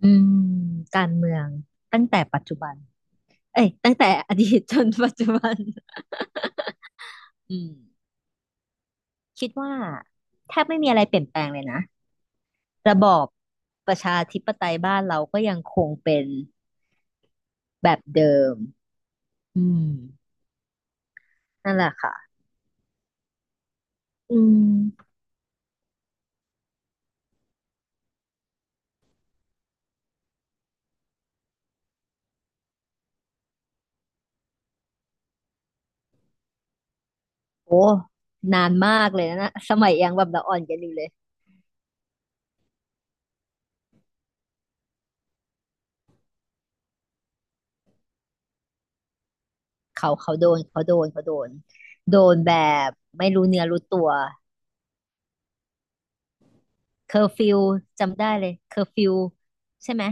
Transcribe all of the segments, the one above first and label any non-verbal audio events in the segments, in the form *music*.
อืมการเมืองตั้งแต่ปัจจุบันเอ้ยตั้งแต่อดีตจนปัจจุบันอืมคิดว่าแทบไม่มีอะไรเปลี่ยนแปลงเลยนะระบอบประชาธิปไตยบ้านเราก็ยังคงเป็นแบบเดิมอืมนั่นแหละค่ะอืมโอ้นานมากเลยนะสมัยยังแบบเราอ่อนกันอยู่เลยเขาเขาโดนเขาโดนเขาโดนโดนแบบไม่รู้เนื้อรู้ตัวเคอร์ฟิวจำได้เลยเคอร์ฟิวใช่ไหม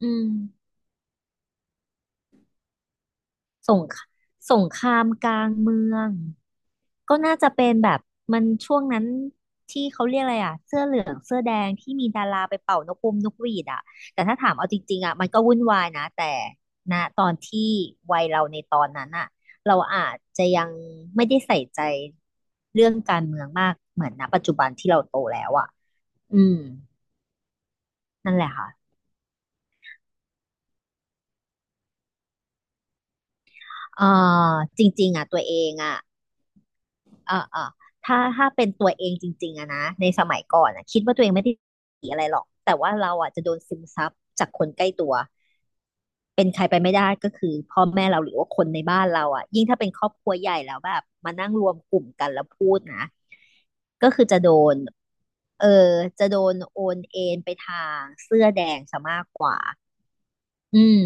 อืม สงคสงครามกลางเมืองก็น่าจะเป็นแบบมันช่วงนั้นที่เขาเรียกอะไรอ่ะเสื้อเหลืองเสื้อแดงที่มีดาราไปเป่านกปุมนกหวีดอ่ะแต่ถ้าถามเอาจริงๆอ่ะมันก็วุ่นวายนะแต่ณตอนที่วัยเราในตอนนั้นอ่ะเราอาจจะยังไม่ได้ใส่ใจเรื่องการเมืองมากเหมือนณปัจจุบันที่เราโตแล้วอ่ะอืมนั่นแหละค่ะเอ่อจริงๆอ่ะตัวเองอ่ะ เออถ้าเป็นตัวเองจริงๆอะนะในสมัยก่อนอะคิดว่าตัวเองไม่ได้ดีอะไรหรอกแต่ว่าเราอะจะโดนซึมซับจากคนใกล้ตัวเป็นใครไปไม่ได้ก็คือพ่อแม่เราหรือว่าคนในบ้านเราอะยิ่งถ้าเป็นครอบครัวใหญ่แล้วแบบมานั่งรวมกลุ่มกันแล้วพูดนะก็คือจะโดนเออจะโดนโอนเอ็นไปทางเสื้อแดงซะมากกว่าอืม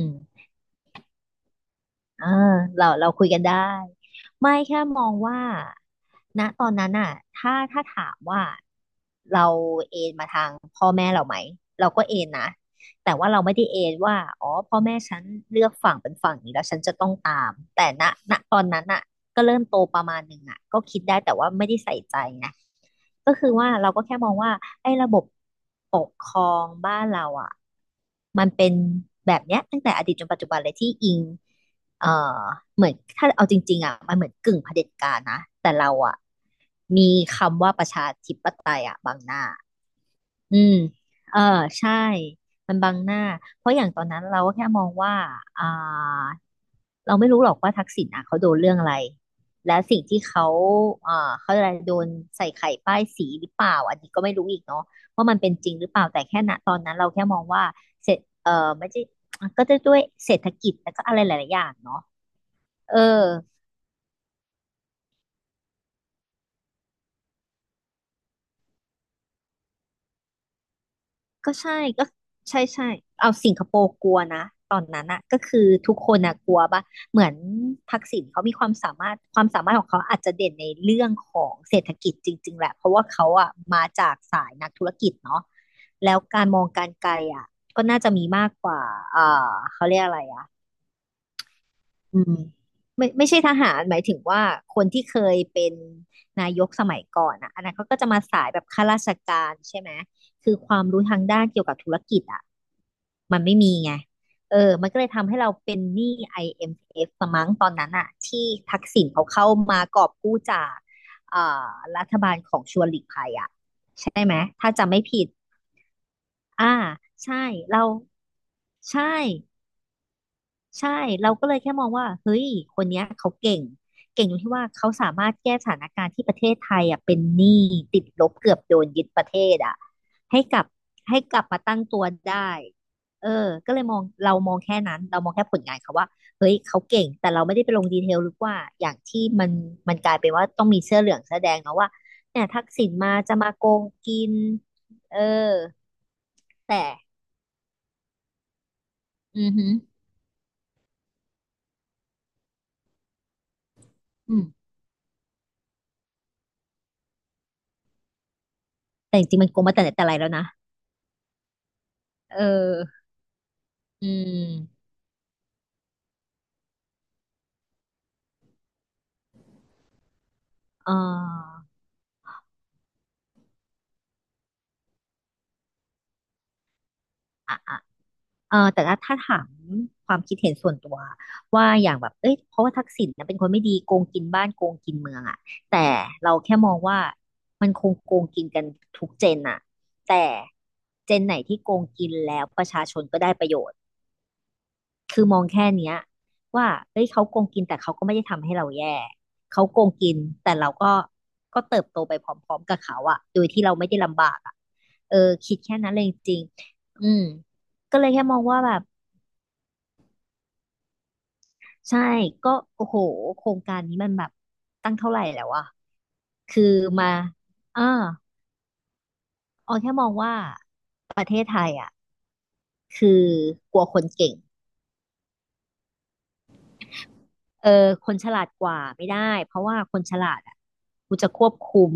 เออเราคุยกันได้ไม่แค่มองว่าณตอนนั้นน่ะถ้าถามว่าเราเอนมาทางพ่อแม่เราไหมเราก็เอนนะแต่ว่าเราไม่ได้เอนว่าอ๋อพ่อแม่ฉันเลือกฝั่งเป็นฝั่งนี้แล้วฉันจะต้องตามแต่ณตอนนั้นน่ะก็เริ่มโตประมาณหนึ่งอ่ะก็คิดได้แต่ว่าไม่ได้ใส่ใจไงก็คือว่าเราก็แค่มองว่าไอ้ระบบปกครองบ้านเราอ่ะมันเป็นแบบเนี้ยตั้งแต่อดีตจนปัจจุบันเลยที่อิง เอ่อเหมือนถ้าเอาจริงๆอ่ะมันเหมือนกึ่งเผด็จการนะแต่เราอ่ะมีคำว่าประชาธิปไตยอ่ะบังหน้าอืมเออใช่มันบังหน้าเพราะอย่างตอนนั้นเราก็แค่มองว่าอ่าเราไม่รู้หรอกว่าทักษิณอ่ะเขาโดนเรื่องอะไรและสิ่งที่เขาเขาอะไรโดนใส่ไข่ป้ายสีหรือเปล่าอันนี้ก็ไม่รู้อีกเนาะว่ามันเป็นจริงหรือเปล่าแต่แค่ณตอนนั้นเราแค่มองว่าเสร็จเออไม่ใช่ก็จะด้วยเศรษฐกิจแล้วก็อะไรหลายๆอย่างเนาะ เออ ก็ใช่ก็ใช่เอาสิงคโปร์กลัวนะตอนนั้นอะก็คือทุกคนอะกลัวปะเหมือนทักษิณเขามีความสามารถความสามารถของเขาอาจจะเด่นในเรื่องของเศรษฐกิจจริงๆแหละเพราะว่าเขาอะมาจากสายนักธุรกิจเนาะแล้วการมองการไกลอะก็น่าจะมีมากกว่าเออเขาเรียกอะไรอะ อืมไม่ใช่ทหารหมายถึงว่าคนที่เคยเป็นนายกสมัยก่อนอ่ะอันนั้นเขาก็จะมาสายแบบข้าราชการใช่ไหมคือความรู้ทางด้านเกี่ยวกับธุรกิจอ่ะมันไม่มีไงเออมันก็เลยทำให้เราเป็นหนี้ IMF สมั้งตอนนั้นอ่ะที่ทักษิณเขาเข้ามากอบกู้จากเอ่อรัฐบาลของชวนหลีกภัยอ่ะใช่ไหมถ้าจำไม่ผิดอ่าใช่เราใช่ ใช่ เราก็เลยแค่มองว่าเฮ้ยคนเนี้ยเขาเก่งเก่งตรงที่ว่าเขาสามารถแก้สถานการณ์ที่ประเทศไทยอ่ะเป็นหนี้ติดลบเกือบโดนยึดประเทศอ่ะให้กลับให้กลับมาตั้งตัวได้เออก็เลยมองเรามองแค่นั้นเรามองแค่ผลงานเขาว่าเฮ้ยเขาเก่งแต่เราไม่ได้ไปลงดีเทลหรือว่าอย่างที่มันมันกลายเป็นว่าต้องมีเสื้อเหลืองเสื้อแดงเนาะว่าเนี่ยทักษิณมาจะมาโกงกินเออแต่อือหืออืมแต่จริงๆมันโกงมาแต่ไหนแต่ไรแล้วนะเออ อืมเอ่ออ่ะอ่ะเออแต่ถ้าถามความคิดเห็นส่วนตัวว่าอย่างแบบเอ้ยเพราะว่าทักษิณนะเป็นคนไม่ดีโกงกินบ้านโกงกินเมืองอ่ะแต่เราแค่มองว่ามันคงโกงกินกันทุกเจนอ่ะแต่เจนไหนที่โกงกินแล้วประชาชนก็ได้ประโยชน์ คือมองแค่เนี้ยว่าเอ้ยเขาโกงกินแต่เขาก็ไม่ได้ทำให้เราแย่ เขาโกงกินแต่เราก็ก็เติบโตไปพร้อมๆกับเขาอะโดยที่เราไม่ได้ลำบากอะ เออคิดแค่นั้นเลยจริงๆอืมก็เลยแค่มองว่าแบบใช่ก็โอ้โหโครงการนี้มันแบบตั้งเท่าไหร่แล้วอะคือมาอ่าออแค่มองว่าประเทศไทยอะคือกลัวคนเก่ง เออคนฉลาดกว่าไม่ได้เพราะว่าคนฉลาดอ่ะกูจะควบคุม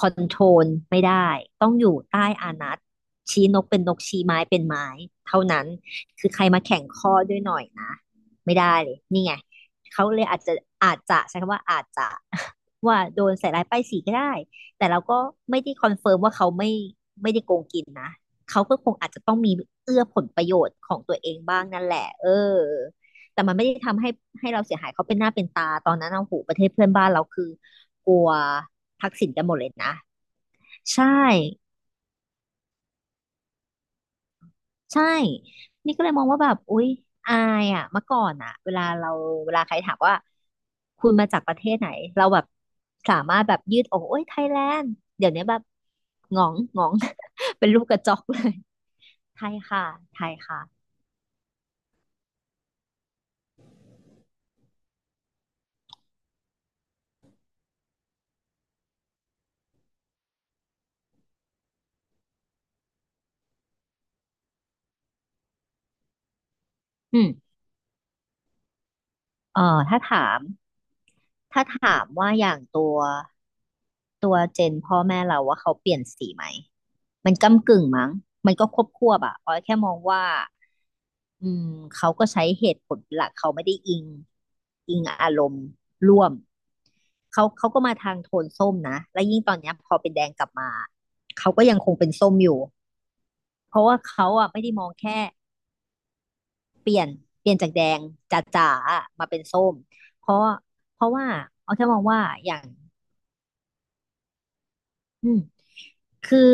คอนโทรลไม่ได้ต้องอยู่ใต้อานัตชี้นกเป็นนกชี้ไม้เป็นไม้เท่านั้นคือใครมาแข่งข้อด้วยหน่อยนะไม่ได้เลยนี่ไงเขาเลยอาจจะอาจจะใช้คำว่าอาจจะ *laughs* ว่าโดนใส่ร้ายป้ายสีก็ได้แต่เราก็ไม่ได้คอนเฟิร์มว่าเขาไม่ไม่ได้โกงกินนะเขาก็คงอาจจะต้องมีเอื้อผลประโยชน์ของตัวเองบ้างนั่นแหละเออ แต่มันไม่ได้ทำให้เราเสียหายเขาเป็นหน้าเป็นตาตอนนั้นเอาหูประเทศเพื่อนบ้านเราคือกลัวทักษิณกันหมดเลยนะใช่ใช่นี่ก็เลยมองว่าแบบอุ๊ยอายอ่ะเมื่อก่อนอ่ะเวลาเราเวลาใครถามว่าคุณมาจากประเทศไหนเราแบบสามารถแบบยืดอกโอ้ยไทยแลนด์เดี๋ยวนี้แบบหงองหงอง *laughs* เป็นรูปกระจอกเลยไทยค่ะไทยค่ะอืมเอ่อถ้าถาม ถ้าถามว่าอย่างตัวเจนพ่อแม่เราว่าเขาเปลี่ยนสีไหมมันก้ำกึ่งมั้งมันก็ควบควบอะออยแค่มองว่าอืมเขาก็ใช้เหตุผลเป็นหลักเขาไม่ได้อิงอารมณ์ร่วมเขาก็มาทางโทนส้มนะและยิ่งตอนเนี้ยพอเป็นแดงกลับมาเขาก็ยังคงเป็นส้มอยู่เพราะว่าเขาอะไม่ได้มองแค่เปลี่ยนจากแดงจ๋าๆอะมาเป็นส้มเพราะว่าเอาแค่มองว่าอย่างอืม คือ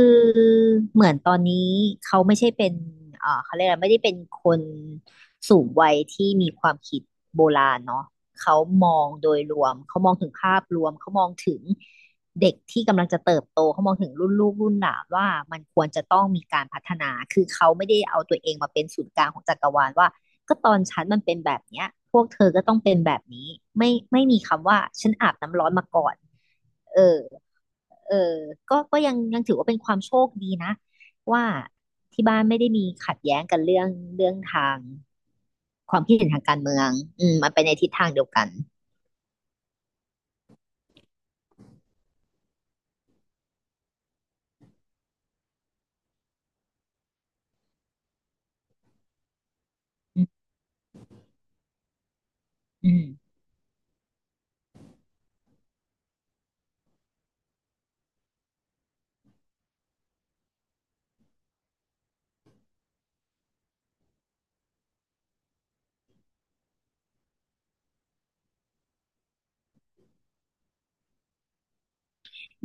เหมือนตอนนี้เขาไม่ใช่เป็นเขาเรียกอะไรไม่ได้เป็นคนสูงวัยที่มีความคิดโบราณเนาะเขามองโดยรวมเขามองถึงภาพรวมเขามองถึงเด็กที่กำลังจะเติบโตเขามองถึงรุ่นลูกรุ่นหลานว่ามันควรจะต้องมีการพัฒนาคือเขาไม่ได้เอาตัวเองมาเป็นศูนย์กลางของจักรวาลว่าก็ตอนฉันมันเป็นแบบเนี้ยพวกเธอก็ต้องเป็นแบบนี้ไม่มีคำว่าฉันอาบน้ำร้อนมาก่อนเออ เออก็ยังถือว่าเป็นความโชคดีนะ ว่าที่บ้านไม่ได้มีขัดแย้งกันเรื่องทาง ความคิดเห็นทางการเมืองอืมมันไปในทิศทางเดียวกันอืมอืม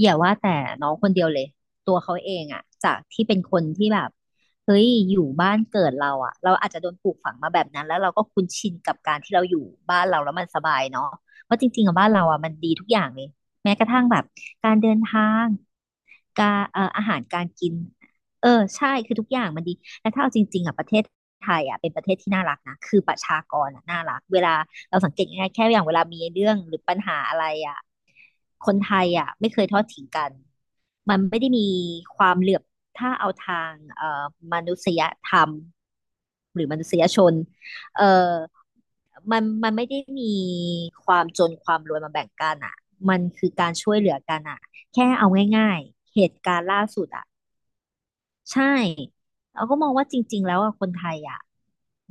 อย่าว่าแต่น้องคนเดียวเลยตัวเขาเองอะจากที่เป็นคนที่แบบเฮ้ยอยู่บ้านเกิดเราอะเราอาจจะโดนปลูกฝังมาแบบนั้นแล้วเราก็คุ้นชินกับการที่เราอยู่บ้านเราแล้วมันสบายเนาะเพราะจริงๆอะบ้านเราอะมันดีทุกอย่างเลยแม้กระทั่งแบบการเดินทางการอาหารการกินเออใช่คือทุกอย่างมันดี และถ้าเอาจริงๆอ่ะประเทศไทยอ่ะเป็นประเทศที่น่ารักนะคือประชากรอ่ะน่ารักเวลาเราสังเกตง่ายๆแค่อย่างเวลามีเรื่องหรือปัญหาอะไรอ่ะคนไทยอ่ะไม่เคยทอดทิ้งกันมันไม่ได้มีความเหลื่อมถ้าเอาทางเอ่อมนุษยธรรมหรือมนุษยชนเอ่อมันไม่ได้มีความจนความรวยมาแบ่งกันอ่ะมันคือการช่วยเหลือกันอ่ะแค่เอาง่ายๆเหตุการณ์ล่าสุดอ่ะ ใช่ เราก็มองว่าจริงๆแล้วอะคนไทยอะ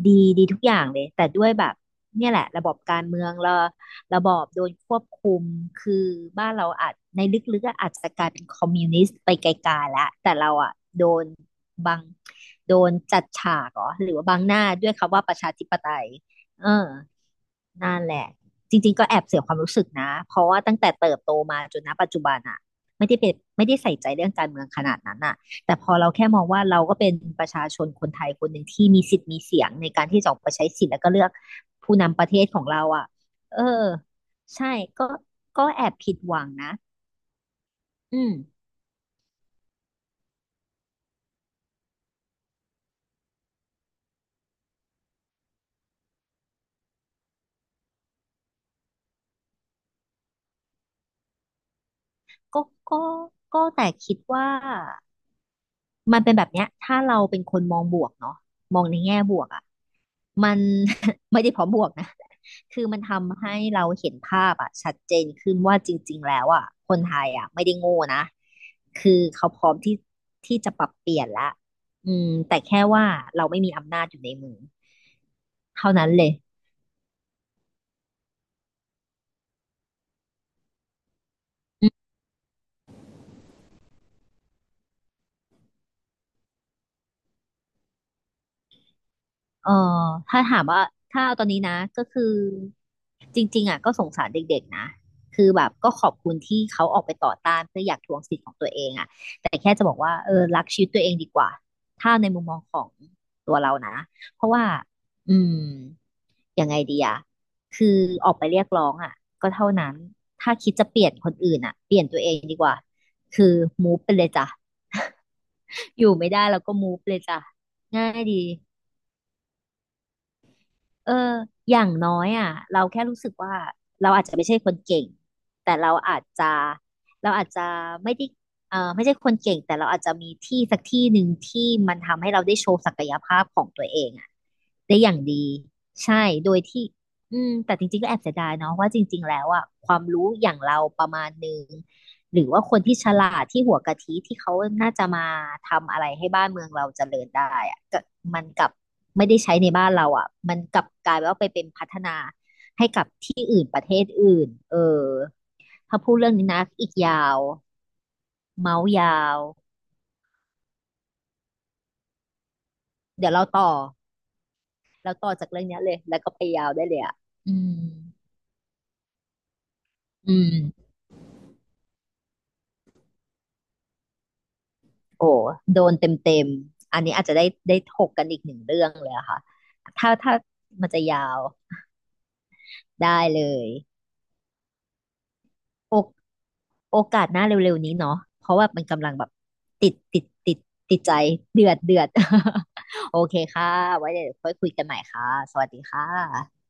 ดีทุกอย่างเลยแต่ด้วยแบบเนี่ยแหละระบบการเมืองระบอบโดนควบคุมคือบ้านเราอาจในลึกๆอะอาจจะกลายเป็นคอมมิวนิสต์ไปไกลๆแล้วแต่เราอะโดนบังโดนจัดฉากเหรอหรือว่าบังหน้าด้วยคำว่าประชาธิปไตยเออ นั่นแหละจริงๆก็แอบเสียความรู้สึกนะเพราะว่าตั้งแต่เติบโตมาจนณปัจจุบันอะไม่ได้เป็นไม่ได้ใส่ใจเรื่องการเมืองขนาดนั้นอะแต่พอเราแค่มองว่าเราก็เป็นประชาชนคนไทยคนหนึ่งที่มีสิทธิ์มีเสียงในการที่จะออกไปใช้สิทธิ์แล้วก็เลือกผู้นำประเทศของเราอะเออใช่ก็แอบผิดหวังนะอืมก็ก็แต่คิดว่า มันเป็นแบบเนี้ยถ้าเราเป็นคนมองบวกเนาะมองในแง่บวกอ่ะมัน *laughs* ไม่ได้เพราะบวกนะคือมันทำให้เราเห็นภาพอ่ะชัดเจนขึ้นว่าจริงๆแล้วอ่ะคนไทยอ่ะไม่ได้โง่นะ คือเขาพร้อมที่จะปรับเปลี่ยนละอืมแต่แค่ว่าเราไม่มีอำนาจอยู่ในมือเท่านั้นเลย เออถ้าถามว่าถ้าเอาตอนนี้นะก็คือจริงๆอ่ะก็สงสารเด็กๆนะ คือแบบก็ขอบคุณที่เขาออกไปต่อต้านเพื่ออยากทวงสิทธิ์ของตัวเองอ่ะแต่แค่จะบอกว่าเออรักชีวิตตัวเองดีกว่า ถ้าในมุมมองของตัวเรานะเพราะว่าอืมยังไงดีอ่ะคือออกไปเรียกร้องอ่ะก็เท่านั้น ถ้าคิดจะเปลี่ยนคนอื่นอ่ะเปลี่ยนตัวเองดีกว่าคือมูฟไปเลยจ้ะ *laughs* อยู่ไม่ได้แล้วก็มูฟเลยจ้ะง่ายดี เอออย่างน้อยอ่ะเราแค่รู้สึกว่าเราอาจจะไม่ใช่คนเก่ง แต่เราอาจจะเราอาจจะไม่ได้เออไม่ใช่คนเก่งแต่เราอาจจะมีที่สักที่หนึ่งที่มันทำให้เราได้โชว์ศักยภาพของตัวเองอ่ะได้อย่างดีใช่โดยที่ อืมแต่จริงๆก็แอบเสียดายเนาะว่าจริงๆแล้วอ่ะความรู้อย่างเราประมาณหนึ่งหรือว่าคนที่ฉลาดที่หัวกะทิที่เขาน่าจะมาทำอะไรให้บ้านเมืองเราเจริญได้อะก็มันกลับไม่ได้ใช้ในบ้านเราอ่ะมันกลับกลายว่าไปเป็นพัฒนาให้กับที่อื่นประเทศอื่นเออถ้าพูดเรื่องนี้นะอีกยาวเมาส์ยาวเดี๋ยวเราต่อเราต่อจากเรื่องเนี้ยเลยแล้วก็ไปยาวได้เลยอ่ะอืมอืม โอ้โดนเต็มๆ อันนี้อาจจะได้ถกกันอีกหนึ่งเรื่องเลยอะค่ะถ้ามันจะยาวได้เลยโอโอกาสหน้าเร็วๆนี้เนาะเพราะว่ามันกำลังแบบติดติดใจเดือดเดือด *laughs* โอเคค่ะ ไว้เดี๋ยวค่อยคุยกันใหม่ค่ะ สวัสดีค่ะ